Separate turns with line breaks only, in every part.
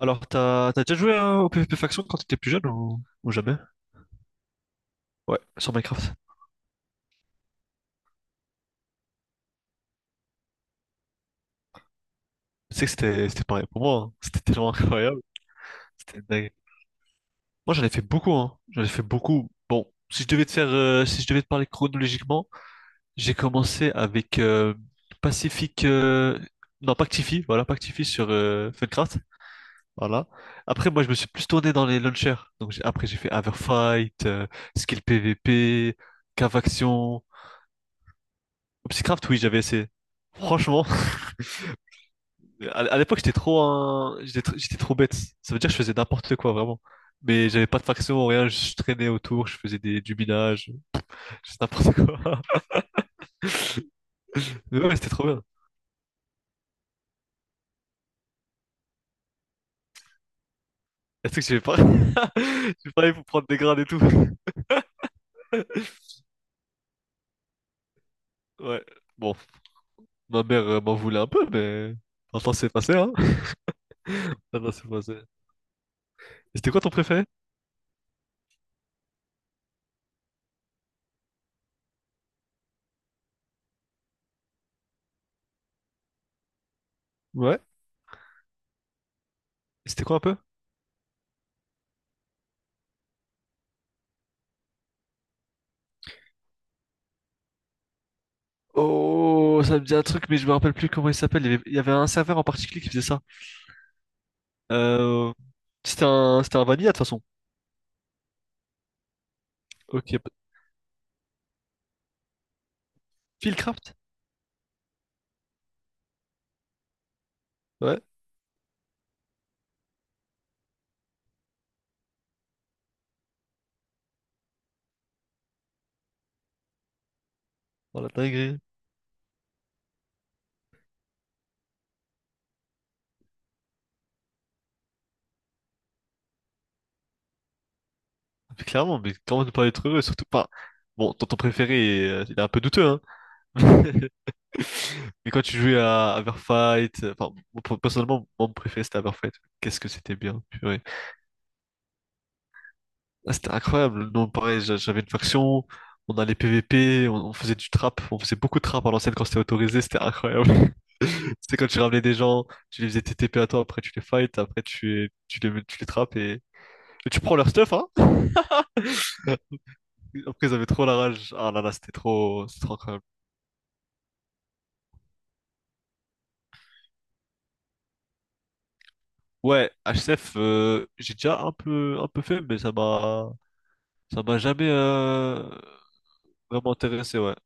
Alors, t'as déjà joué au PvP Faction quand t'étais plus jeune ou jamais? Ouais, sur Minecraft. Tu sais que c'était pareil pour moi, hein. C'était tellement incroyable. C'était dingue. Moi, j'en ai fait beaucoup, hein. J'en ai fait beaucoup. Bon, si je devais te faire, si je devais te parler chronologiquement, j'ai commencé avec Pacific, non, Pactify, voilà, Pactify sur Funcraft, voilà. Après, moi, je me suis plus tourné dans les launchers. Donc, après, j'ai fait Averfight, Skill PvP, Cavaction, Obsicraft, oui, j'avais essayé. Franchement, à l'époque, j'étais trop bête. Ça veut dire que je faisais n'importe quoi, vraiment. Mais j'avais pas de faction, rien, je traînais autour, je faisais du minage, je faisais n'importe quoi. Mais ouais, c'était trop bien. Est-ce que j'avais pas... J'ai pareil pour prendre des grades et tout. Ouais. Bon, ma mère m'en voulait un peu, mais... Maintenant, c'est passé, hein. Maintenant, c'est passé. Et c'était quoi ton préféré? Ouais. C'était quoi un peu? Oh, ça me dit un truc, mais je me rappelle plus comment il s'appelle. Il y avait un serveur en particulier qui faisait ça. Euh, C'était un, c'était un vanilla, de toute façon. Ok. Fieldcraft? Ouais, dans la dinguerie. Ah, mais clairement, mais comment ne pas être heureux, surtout pas. Bon, ton, ton préféré, il est un peu douteux, hein. Mais quand tu jouais à Everfight, moi, personnellement, moi, mon préféré c'était Everfight. Qu'est-ce que c'était bien, purée. Ah, c'était incroyable. Non, pareil, j'avais une faction, on allait PVP, on faisait du trap, on faisait beaucoup de trap à l'ancienne quand c'était autorisé, c'était incroyable. C'était quand tu ramenais des gens, tu les faisais TTP à toi, après tu les fight, après tu, les- tu les, tu les trappes et tu prends leur stuff, hein. Après, ils avaient trop la rage. Ah là là, c'était trop incroyable. Ouais, HCF, j'ai déjà un peu fait, ça m'a jamais vraiment intéressé. Ouais,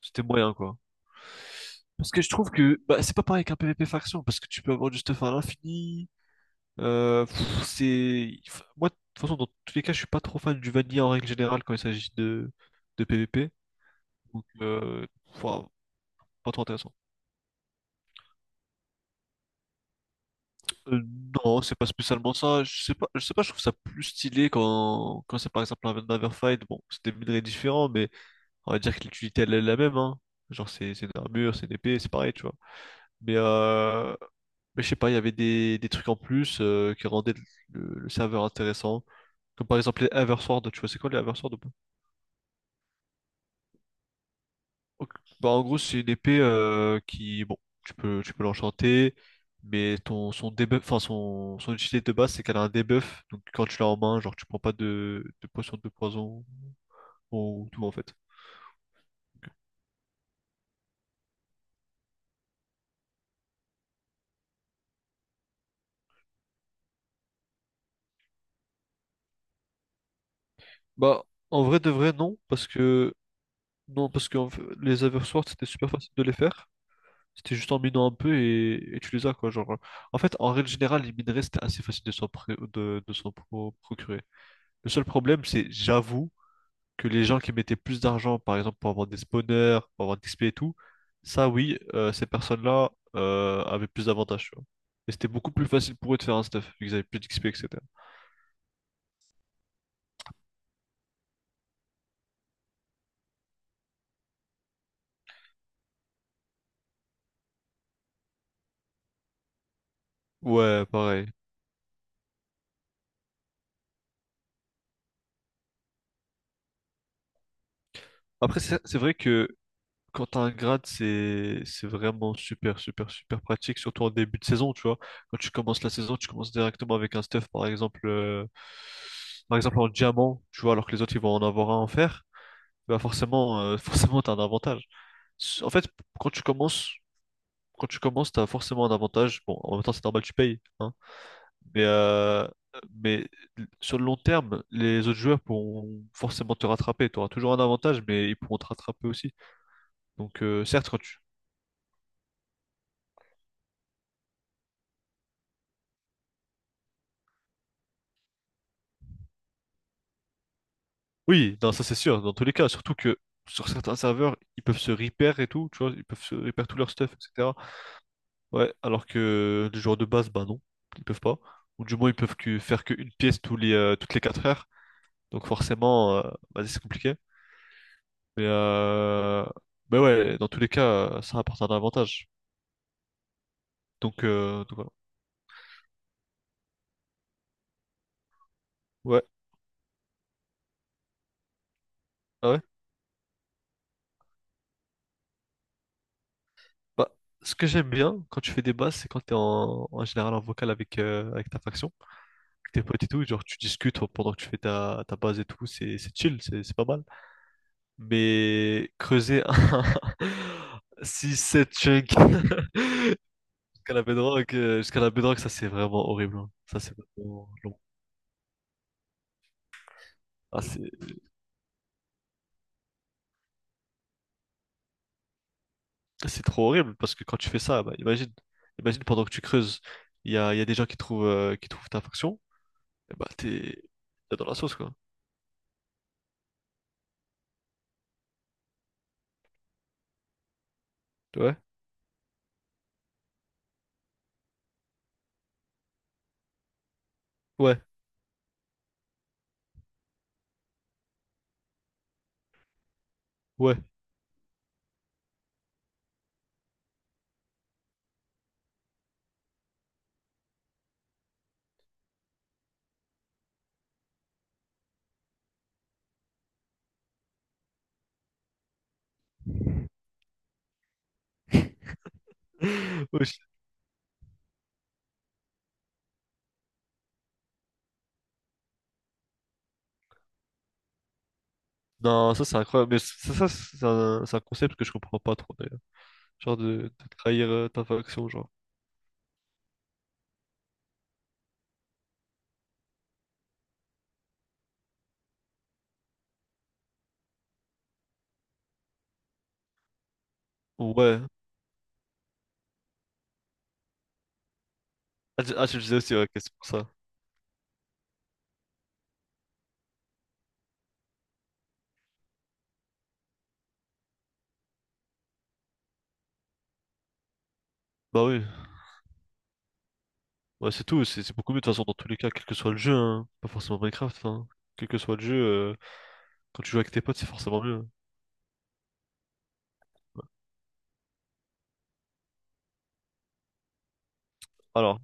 c'était moyen quoi. Parce que je trouve que bah, c'est pas pareil qu'un PvP faction, parce que tu peux avoir du stuff à l'infini. Moi de toute façon dans tous les cas je suis pas trop fan du vanilla en règle générale quand il s'agit de PvP donc enfin, pas trop intéressant. Euh, non, c'est pas spécialement ça. Je sais pas, je sais pas, je trouve ça plus stylé quand, quand c'est par exemple un Another Fight. Bon, c'est des minerais différents, mais on va dire que l'utilité elle est la même, hein. Genre c'est une armure, c'est une épée, c'est pareil, tu vois. Mais, euh, mais je sais pas, il y avait des trucs en plus qui rendaient le serveur intéressant. Comme par exemple les Eversword, tu vois, c'est quoi les Eversword? Ok. Bah, en gros, c'est une épée qui, bon, tu peux l'enchanter, son debuff, enfin, son, son utilité de base, c'est qu'elle a un debuff. Donc, quand tu l'as en main, genre, tu prends pas de potion de poison ou tout, en fait. Ok. Bah, en vrai de vrai, non, non, parce que en fait, les Everswords, c'était super facile de les faire. C'était juste en minant un peu et tu les as, quoi. Genre, en fait, en règle générale, les minerais, c'était assez facile de procurer. Le seul problème, c'est, j'avoue, que les gens qui mettaient plus d'argent, par exemple, pour avoir des spawners, pour avoir des XP et tout, ça, oui, ces personnes-là avaient plus d'avantages, tu vois. Et c'était beaucoup plus facile pour eux de faire un stuff, vu qu'ils avaient plus d'XP, etc. Ouais, pareil. Après, c'est vrai que quand t'as un grade, c'est vraiment super, super, super pratique, surtout en début de saison, tu vois. Quand tu commences la saison, tu commences directement avec un stuff, par exemple en diamant, tu vois, alors que les autres, ils vont en avoir un en fer. Bah forcément, forcément, t'as un avantage. En fait, quand tu commences, quand tu commences, t'as forcément un avantage. Bon, en même temps, c'est normal, tu payes, hein. Mais, euh, mais sur le long terme, les autres joueurs pourront forcément te rattraper. Tu auras toujours un avantage, mais ils pourront te rattraper aussi. Donc, euh, certes, quand tu... Oui, non, ça c'est sûr, dans tous les cas. Surtout que sur certains serveurs, ils peuvent se repair et tout, tu vois, ils peuvent se repair tout leur stuff, etc. Ouais, alors que les joueurs de base, bah non, ils peuvent pas. Ou du moins, ils peuvent que faire qu'une pièce tous toutes les 4 heures. Donc forcément, bah, c'est compliqué. Mais, euh... mais ouais, dans tous les cas, ça apporte un avantage. Donc voilà. Ouais, ah ouais. Bah, ce que j'aime bien quand tu fais des basses, c'est quand t'es en général en vocal avec, avec ta faction, avec tes potes et tout, genre tu discutes pendant que tu fais ta base et tout, c'est chill, c'est pas mal. Mais creuser un 6-7 chunk jusqu'à la bedrock, ça c'est vraiment horrible. Hein. Ça c'est vraiment long. Ah, c'est- C'est trop horrible parce que quand tu fais ça, bah, imagine pendant que tu creuses, il y a des gens qui trouvent ta faction et bah t'es dans la sauce quoi. Ouais, ouais, ouais. Ouais, je- Non, ça c'est incroyable, mais c'est un concept que je comprends pas trop d'ailleurs. De trahir ta faction, genre. Ouais. Ah, tu le disais aussi, ouais, ok, c'est pour ça. Bah oui, ouais, c'est tout, c'est beaucoup mieux de toute façon dans tous les cas, quel que soit le jeu, hein. Pas forcément Minecraft, hein. Quel que soit le jeu, quand tu joues avec tes potes, c'est forcément mieux. Alors.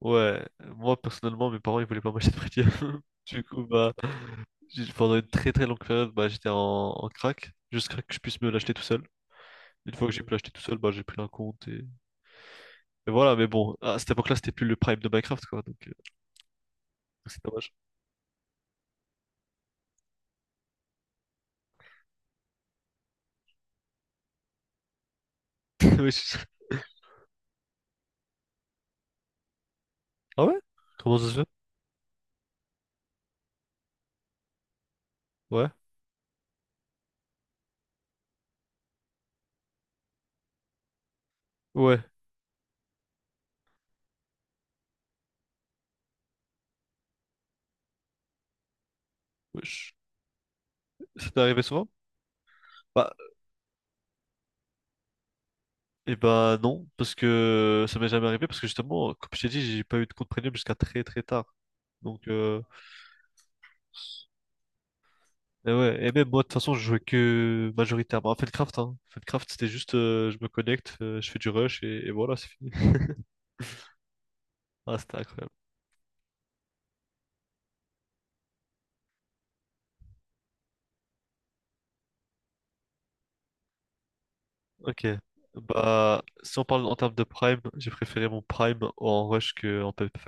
Ouais, moi personnellement, mes parents ils voulaient pas m'acheter de premium. Du coup, bah, pendant une très très longue période, bah, j'étais en, en crack, jusqu'à que je puisse me l'acheter tout seul. Une fois que j'ai pu l'acheter tout seul, bah, j'ai pris un compte et voilà. Mais bon, à cette époque-là, c'était plus le prime de Minecraft, quoi. Donc c'est dommage. Oui, je- Ah ouais? Comment ça se fait? Ouais, ouais. Ouais, je- Ça t'est arrivé souvent? Bah, et bah non, parce que ça m'est jamais arrivé, parce que justement, comme je t'ai dit, j'ai pas eu de compte premium jusqu'à très très tard. Donc, et ouais, et même moi, de toute façon, je jouais que majoritairement à Feldcraft, hein. Feldcraft, c'était juste, je me connecte, je fais du rush et voilà, c'est fini. Ah, c'était incroyable. Ok. Bah, si on parle en termes de prime, j'ai préféré mon prime en rush qu'en PvP